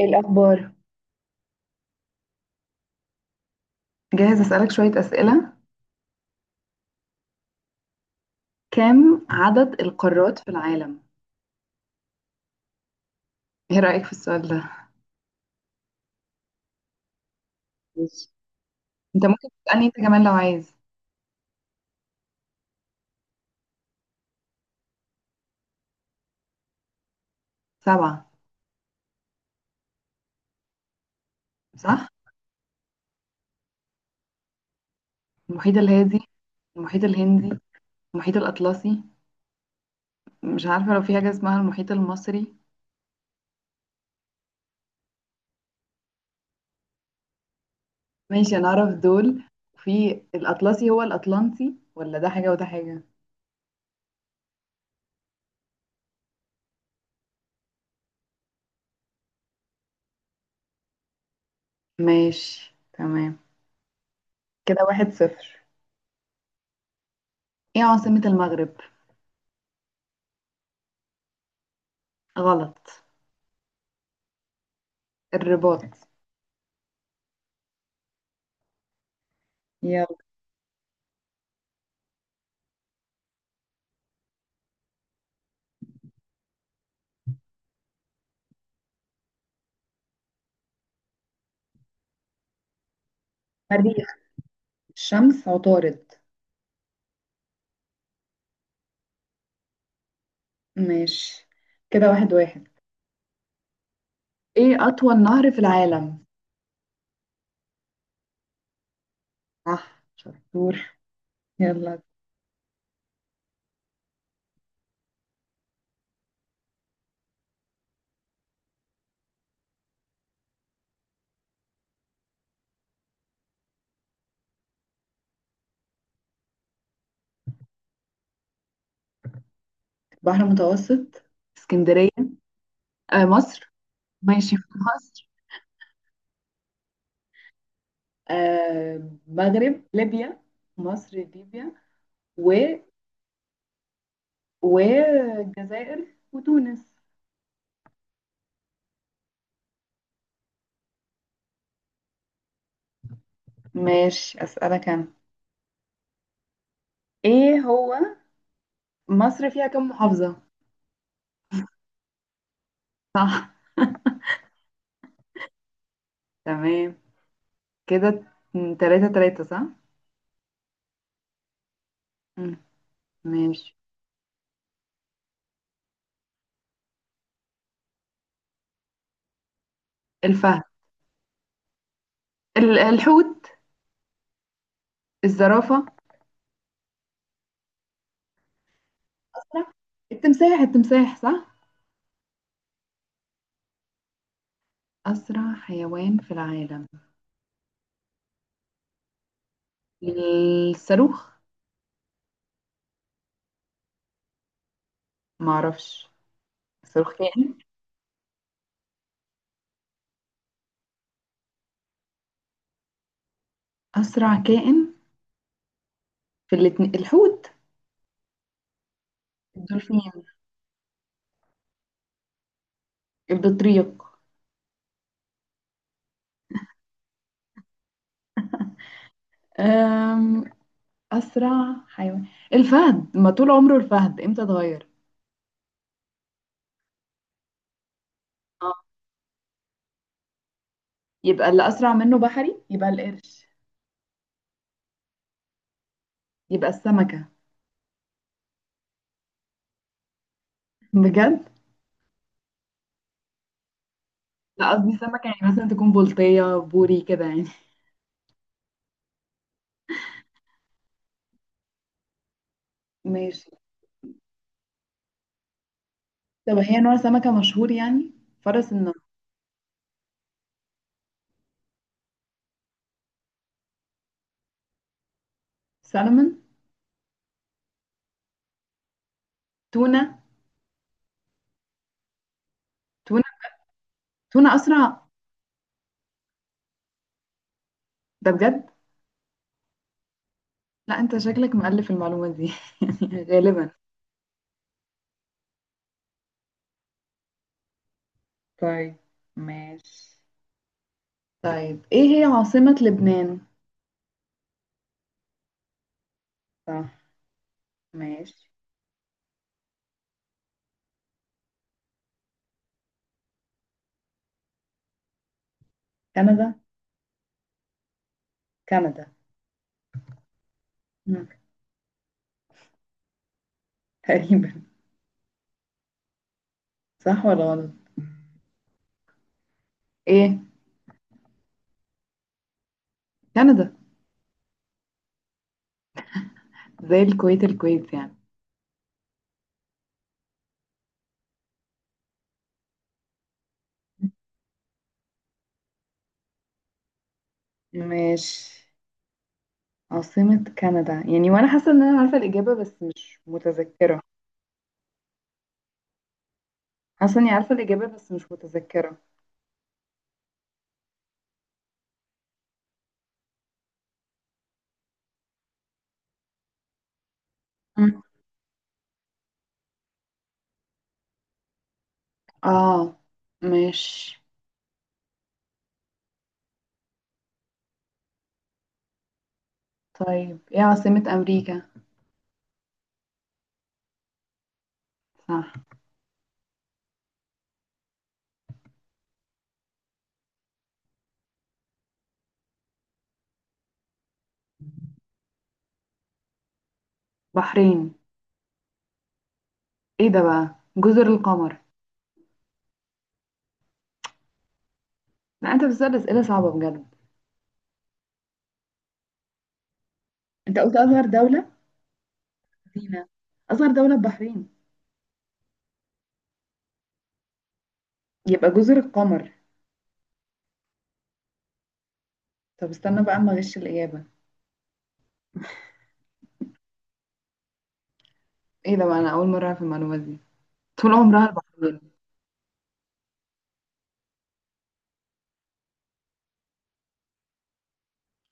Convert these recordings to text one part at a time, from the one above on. إيه الأخبار؟ جاهز أسألك شوية أسئلة. كم عدد القارات في العالم؟ إيه رأيك في السؤال ده؟ ماشي. أنت ممكن تسألني أنت كمان لو عايز. سبعة. صح؟ المحيط الهادي، المحيط الهندي، المحيط الأطلسي. مش عارفة لو في حاجة اسمها المحيط المصري. ماشي، أنا أعرف دول. في الأطلسي هو الأطلنطي ولا ده حاجة وده حاجة؟ ماشي تمام. كده واحد صفر. إيه عاصمة المغرب؟ غلط. الرباط. يلا. مريخ. الشمس عطارد. ماشي، كده واحد واحد. ايه أطول نهر في العالم؟ صح شطور. يلا. بحر متوسط، اسكندرية، آه مصر. ماشي، في مصر، آه مغرب ليبيا، مصر ليبيا و والجزائر وتونس. ماشي، أسألك أنا. ايه هو، مصر فيها كم محافظة؟ صح تمام. كده، تلاتة تلاتة صح. مم. ماشي. الفهد. الحوت. الزرافة. التمساح التمساح صح. أسرع حيوان في العالم. الصاروخ. معرفش. الصاروخ كائن. أسرع كائن. في الاتنين الحوت. الدولفين. البطريق. أم... أسرع حيوان الفهد، ما طول عمره الفهد، إمتى اتغير؟ آه. يبقى اللي أسرع منه بحري يبقى القرش. يبقى السمكة. بجد. لا قصدي سمكة يعني مثلا تكون بلطية بوري كده يعني. ماشي. طب هي نوع سمكة مشهور يعني. فرس النهر. سالمون. تونة. تونة تونة أسرع. ده بجد. لا أنت شكلك مؤلف المعلومة دي. يعني غالبا. طيب. ماشي. طيب إيه هي عاصمة لبنان؟ صح. ماشي. كندا. كندا. مم. تقريبا. صح ولا غلط؟ إيه. كندا زي الكويت الكويت يعني. ماشي، عاصمة كندا يعني، وأنا حاسة إن أنا عارفة الإجابة بس مش متذكرة. حاسة إني عارفة الإجابة بس مش متذكرة. مم. آه. ماشي. طيب إيه عاصمة أمريكا؟ صح. بحرين. ايه ده بقى. جزر القمر. لا انت بتسأل اسئله صعبه بجد. انت قلت اصغر دوله، مدينه، اصغر دوله البحرين. يبقى جزر القمر. طب استنى بقى اما اغش الاجابه. ايه ده بقى، انا اول مره اعرف المعلومات دي. طول عمرها البحرين.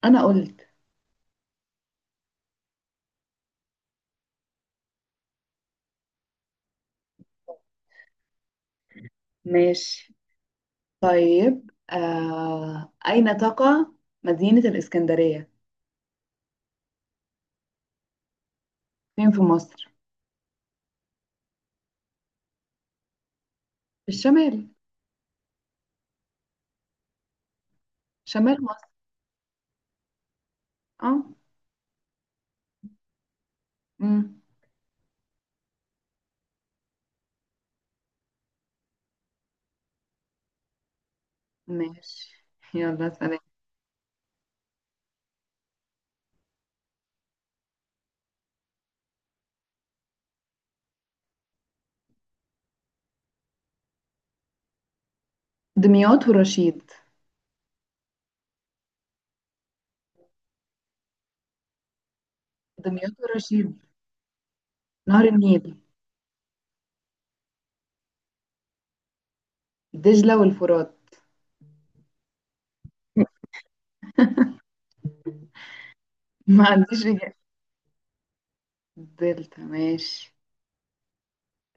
انا قلت. ماشي. طيب اين تقع مدينه الاسكندريه؟ فين في مصر. في الشمال. شمال مصر. اه. امم. ماشي. يلا سلام. دمياط ورشيد. دمياط ورشيد. نهر النيل. دجلة والفرات. ما عنديش إجابة. دلتا ماشي.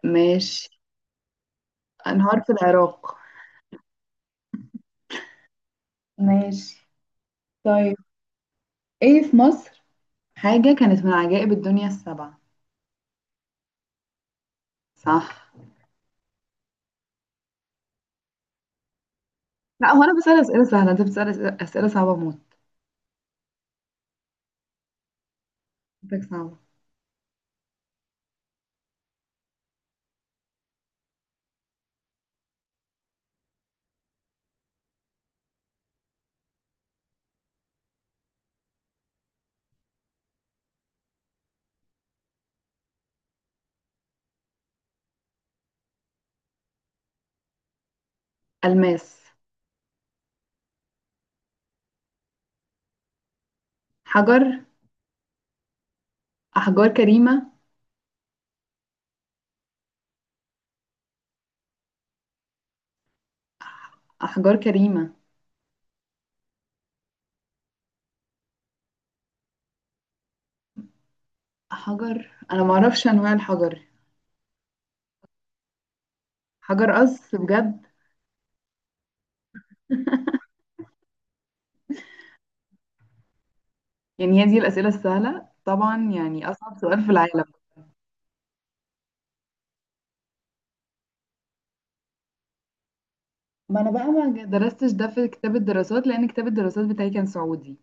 ماشي. أنهار في العراق. ماشي. طيب. إيه في مصر حاجة كانت من عجائب الدنيا السبعة؟ صح. لا هو أنا بسأل أسئلة سهلة، أنت بتسأل أسئلة صعبة موت. أسئلتك صعبة. ألماس. حجر. أحجار كريمة. أحجار كريمة. حجر أنا معرفش أنواع الحجر. حجر قص. بجد. يعني هي دي الأسئلة السهلة؟ طبعا يعني أصعب سؤال في العالم. ما انا بقى ما درستش ده في كتاب الدراسات لان كتاب الدراسات بتاعي كان سعودي.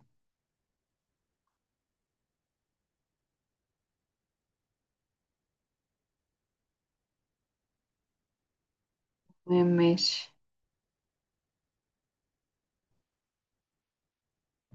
ماشي